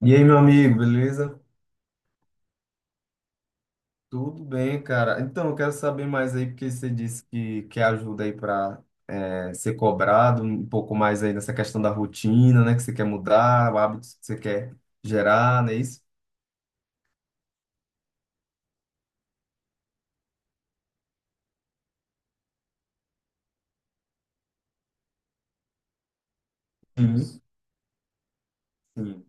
E aí, meu amigo, beleza? Tudo bem, cara. Então, eu quero saber mais aí, porque você disse que quer ajuda aí para ser cobrado, um pouco mais aí nessa questão da rotina, né? Que você quer mudar, hábitos que você quer gerar, não é isso? Sim, sim.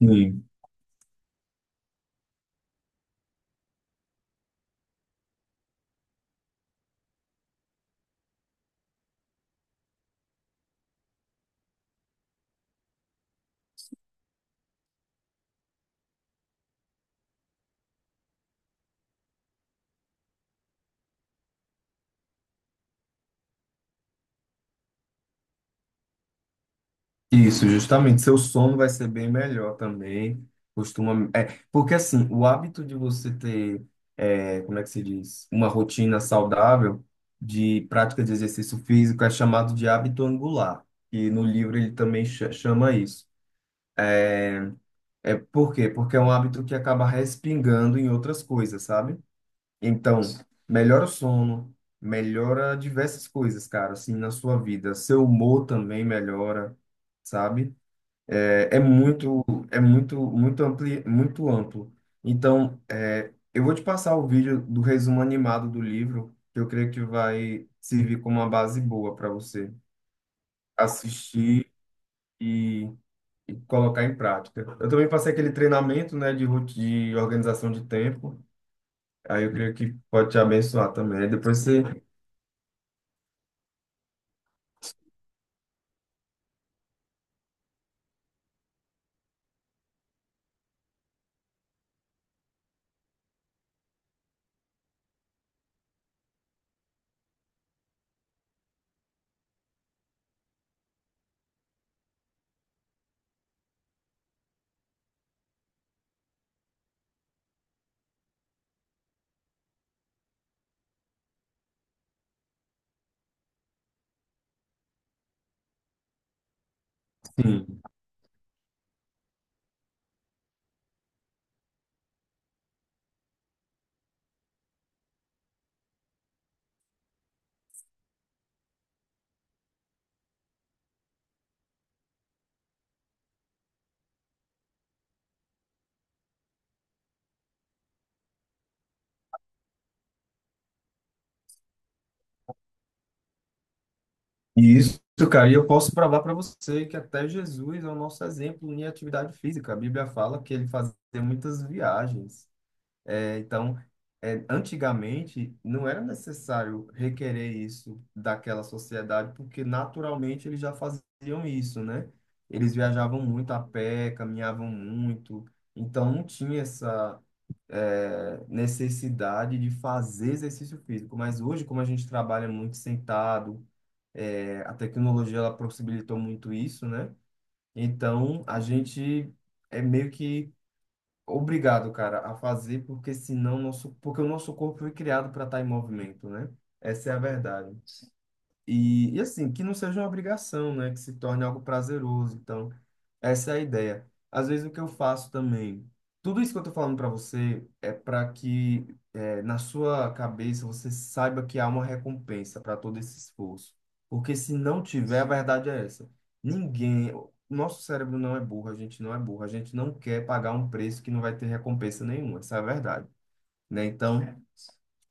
Sim. Isso, justamente. Seu sono vai ser bem melhor também. Costuma. É, porque assim, o hábito de você ter, como é que se diz? Uma rotina saudável de prática de exercício físico é chamado de hábito angular. E no livro ele também chama isso. É por quê? Porque é um hábito que acaba respingando em outras coisas, sabe? Então, melhora o sono, melhora diversas coisas, cara, assim, na sua vida. Seu humor também melhora, sabe? É muito, muito amplo. Então, eu vou te passar o vídeo do resumo animado do livro, que eu creio que vai servir como uma base boa para você assistir e, e colocar em prática. Eu também passei aquele treinamento, né, de organização de tempo. Aí eu creio que pode te abençoar também. Aí depois você, sim. E isso, cara, e eu posso provar para você que até Jesus é o nosso exemplo em atividade física. A Bíblia fala que ele fazia muitas viagens. Então, antigamente não era necessário requerer isso daquela sociedade, porque naturalmente eles já faziam isso, né? Eles viajavam muito a pé, caminhavam muito, então não tinha essa, necessidade de fazer exercício físico. Mas hoje, como a gente trabalha muito sentado, a tecnologia ela possibilitou muito isso, né? Então, a gente é meio que obrigado, cara, a fazer, porque senão nosso, porque o nosso corpo foi criado para estar em movimento, né? Essa é a verdade. E assim, que não seja uma obrigação, né? Que se torne algo prazeroso. Então, essa é a ideia. Às vezes o que eu faço também, tudo isso que eu tô falando para você é para que, na sua cabeça você saiba que há uma recompensa para todo esse esforço. Porque se não tiver, a verdade é essa. Ninguém, o nosso cérebro não é burro, a gente não é burro, a gente não quer pagar um preço que não vai ter recompensa nenhuma, essa é a verdade, né? Então,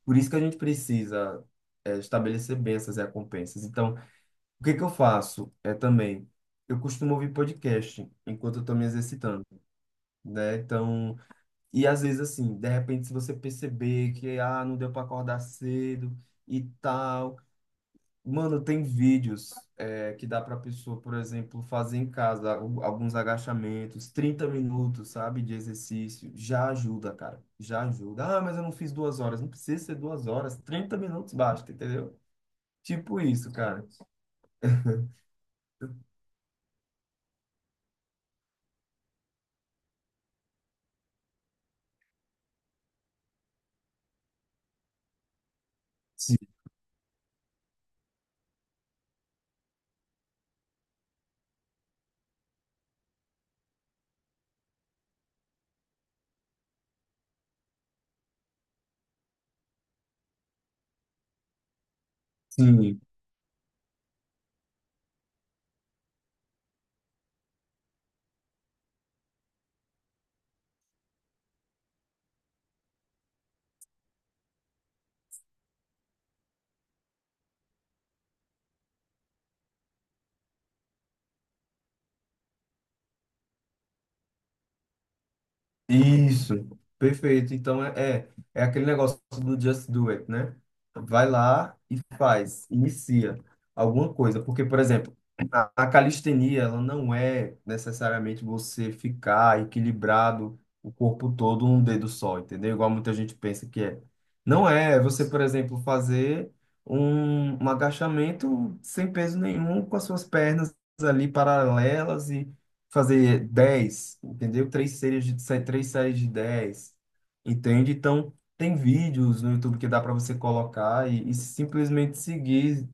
por isso que a gente precisa estabelecer bem essas recompensas. Então, o que que eu faço é também, eu costumo ouvir podcast enquanto eu estou me exercitando, né? Então, e às vezes assim, de repente se você perceber que ah, não deu para acordar cedo e tal, mano, tem vídeos, que dá para pessoa, por exemplo, fazer em casa alguns agachamentos, 30 minutos, sabe, de exercício, já ajuda, cara, já ajuda. Ah, mas eu não fiz 2 horas, não precisa ser 2 horas, 30 minutos basta, entendeu? Tipo isso, cara. Sim. Isso, perfeito. Então é aquele negócio do just do it, né? Vai lá e faz, inicia alguma coisa. Porque, por exemplo, a calistenia, ela não é necessariamente você ficar equilibrado o corpo todo num dedo só, entendeu? Igual muita gente pensa que é. Não é. É você, por exemplo, fazer um agachamento sem peso nenhum com as suas pernas ali paralelas, fazer 10, entendeu? Três séries três séries de 10, entende? Então, tem vídeos no YouTube que dá para você colocar e simplesmente seguir,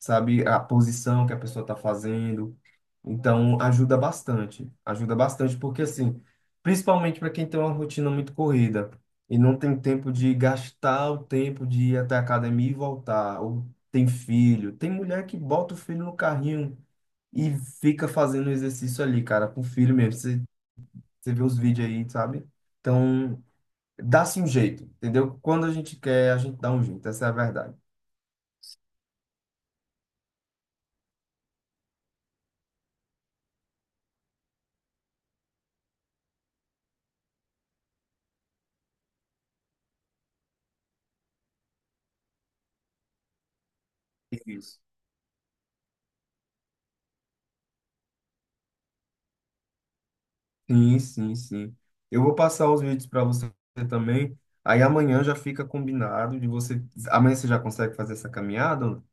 sabe, a posição que a pessoa está fazendo. Então, ajuda bastante, porque assim, principalmente para quem tem uma rotina muito corrida e não tem tempo de gastar o tempo de ir até a academia e voltar, ou tem filho, tem mulher que bota o filho no carrinho e fica fazendo exercício ali, cara, com o filho mesmo. Você, você vê os vídeos aí, sabe? Então, dá-se um jeito, entendeu? Quando a gente quer, a gente dá um jeito, essa é a verdade. Isso. Sim, sim, sim. Eu vou passar os vídeos para você também. Aí amanhã já fica combinado de você. Amanhã você já consegue fazer essa caminhada? Ou não?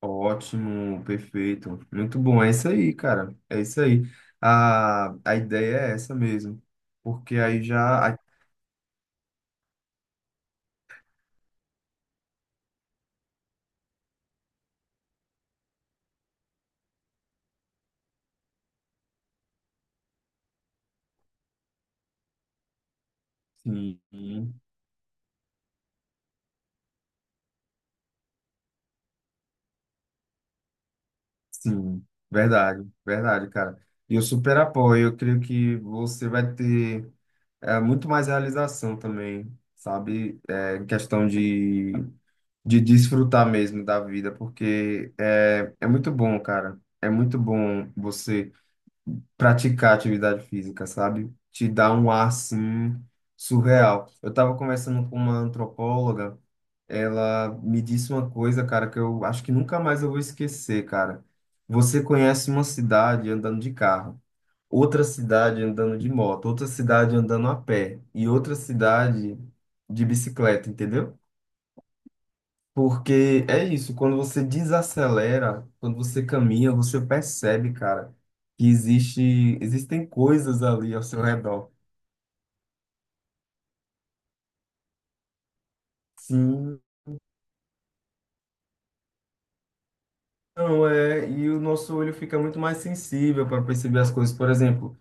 Ótimo, perfeito. Muito bom. É isso aí, cara. É isso aí. A ideia é essa mesmo. Porque aí já. Assim, sim, verdade, verdade, cara. E eu super apoio. Eu creio que você vai ter, muito mais realização também, sabe? Em questão de, desfrutar mesmo da vida, porque é muito bom, cara. É muito bom você praticar atividade física, sabe? Te dá um ar, assim, surreal. Eu estava conversando com uma antropóloga, ela me disse uma coisa, cara, que eu acho que nunca mais eu vou esquecer, cara. Você conhece uma cidade andando de carro, outra cidade andando de moto, outra cidade andando a pé e outra cidade de bicicleta, entendeu? Porque é isso, quando você desacelera, quando você caminha, você percebe, cara, que existem coisas ali ao seu redor. Sim, não é, e o nosso olho fica muito mais sensível para perceber as coisas, por exemplo,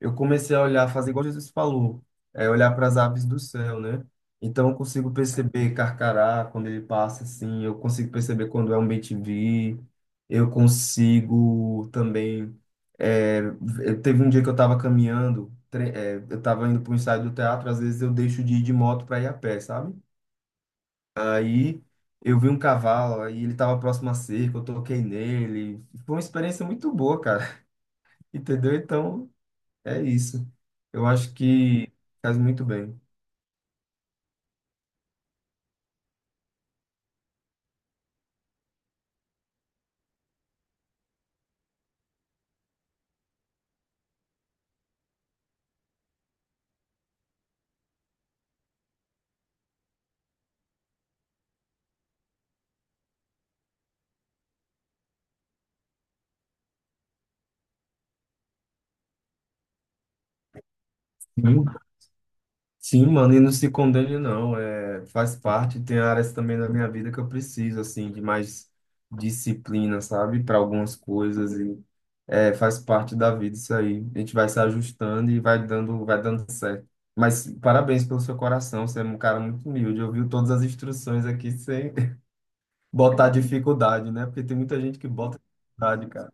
eu comecei a olhar, fazer igual Jesus falou, é olhar para as aves do céu, né? Então eu consigo perceber carcará quando ele passa assim, eu consigo perceber quando é um bem-te-vi, eu consigo também. É, Teve um dia que eu estava caminhando, eu estava indo para o ensaio do teatro, às vezes eu deixo de ir de moto para ir a pé, sabe? Aí eu vi um cavalo, aí ele estava próximo à cerca, eu toquei nele. Foi uma experiência muito boa, cara. Entendeu? Então, é isso. Eu acho que faz muito bem. Sim. Sim, mano, e não se condene, não. É, faz parte. Tem áreas também da minha vida que eu preciso, assim, de mais disciplina, sabe? Para algumas coisas. E é, faz parte da vida isso aí. A gente vai se ajustando e vai dando certo. Mas parabéns pelo seu coração. Você é um cara muito humilde. Ouviu todas as instruções aqui sem botar dificuldade, né? Porque tem muita gente que bota dificuldade, cara.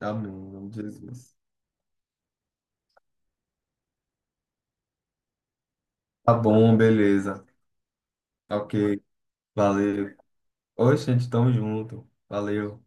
Amém, em nome de Jesus. Tá bom, beleza. Ok, valeu. Oi, gente, tamo junto. Valeu.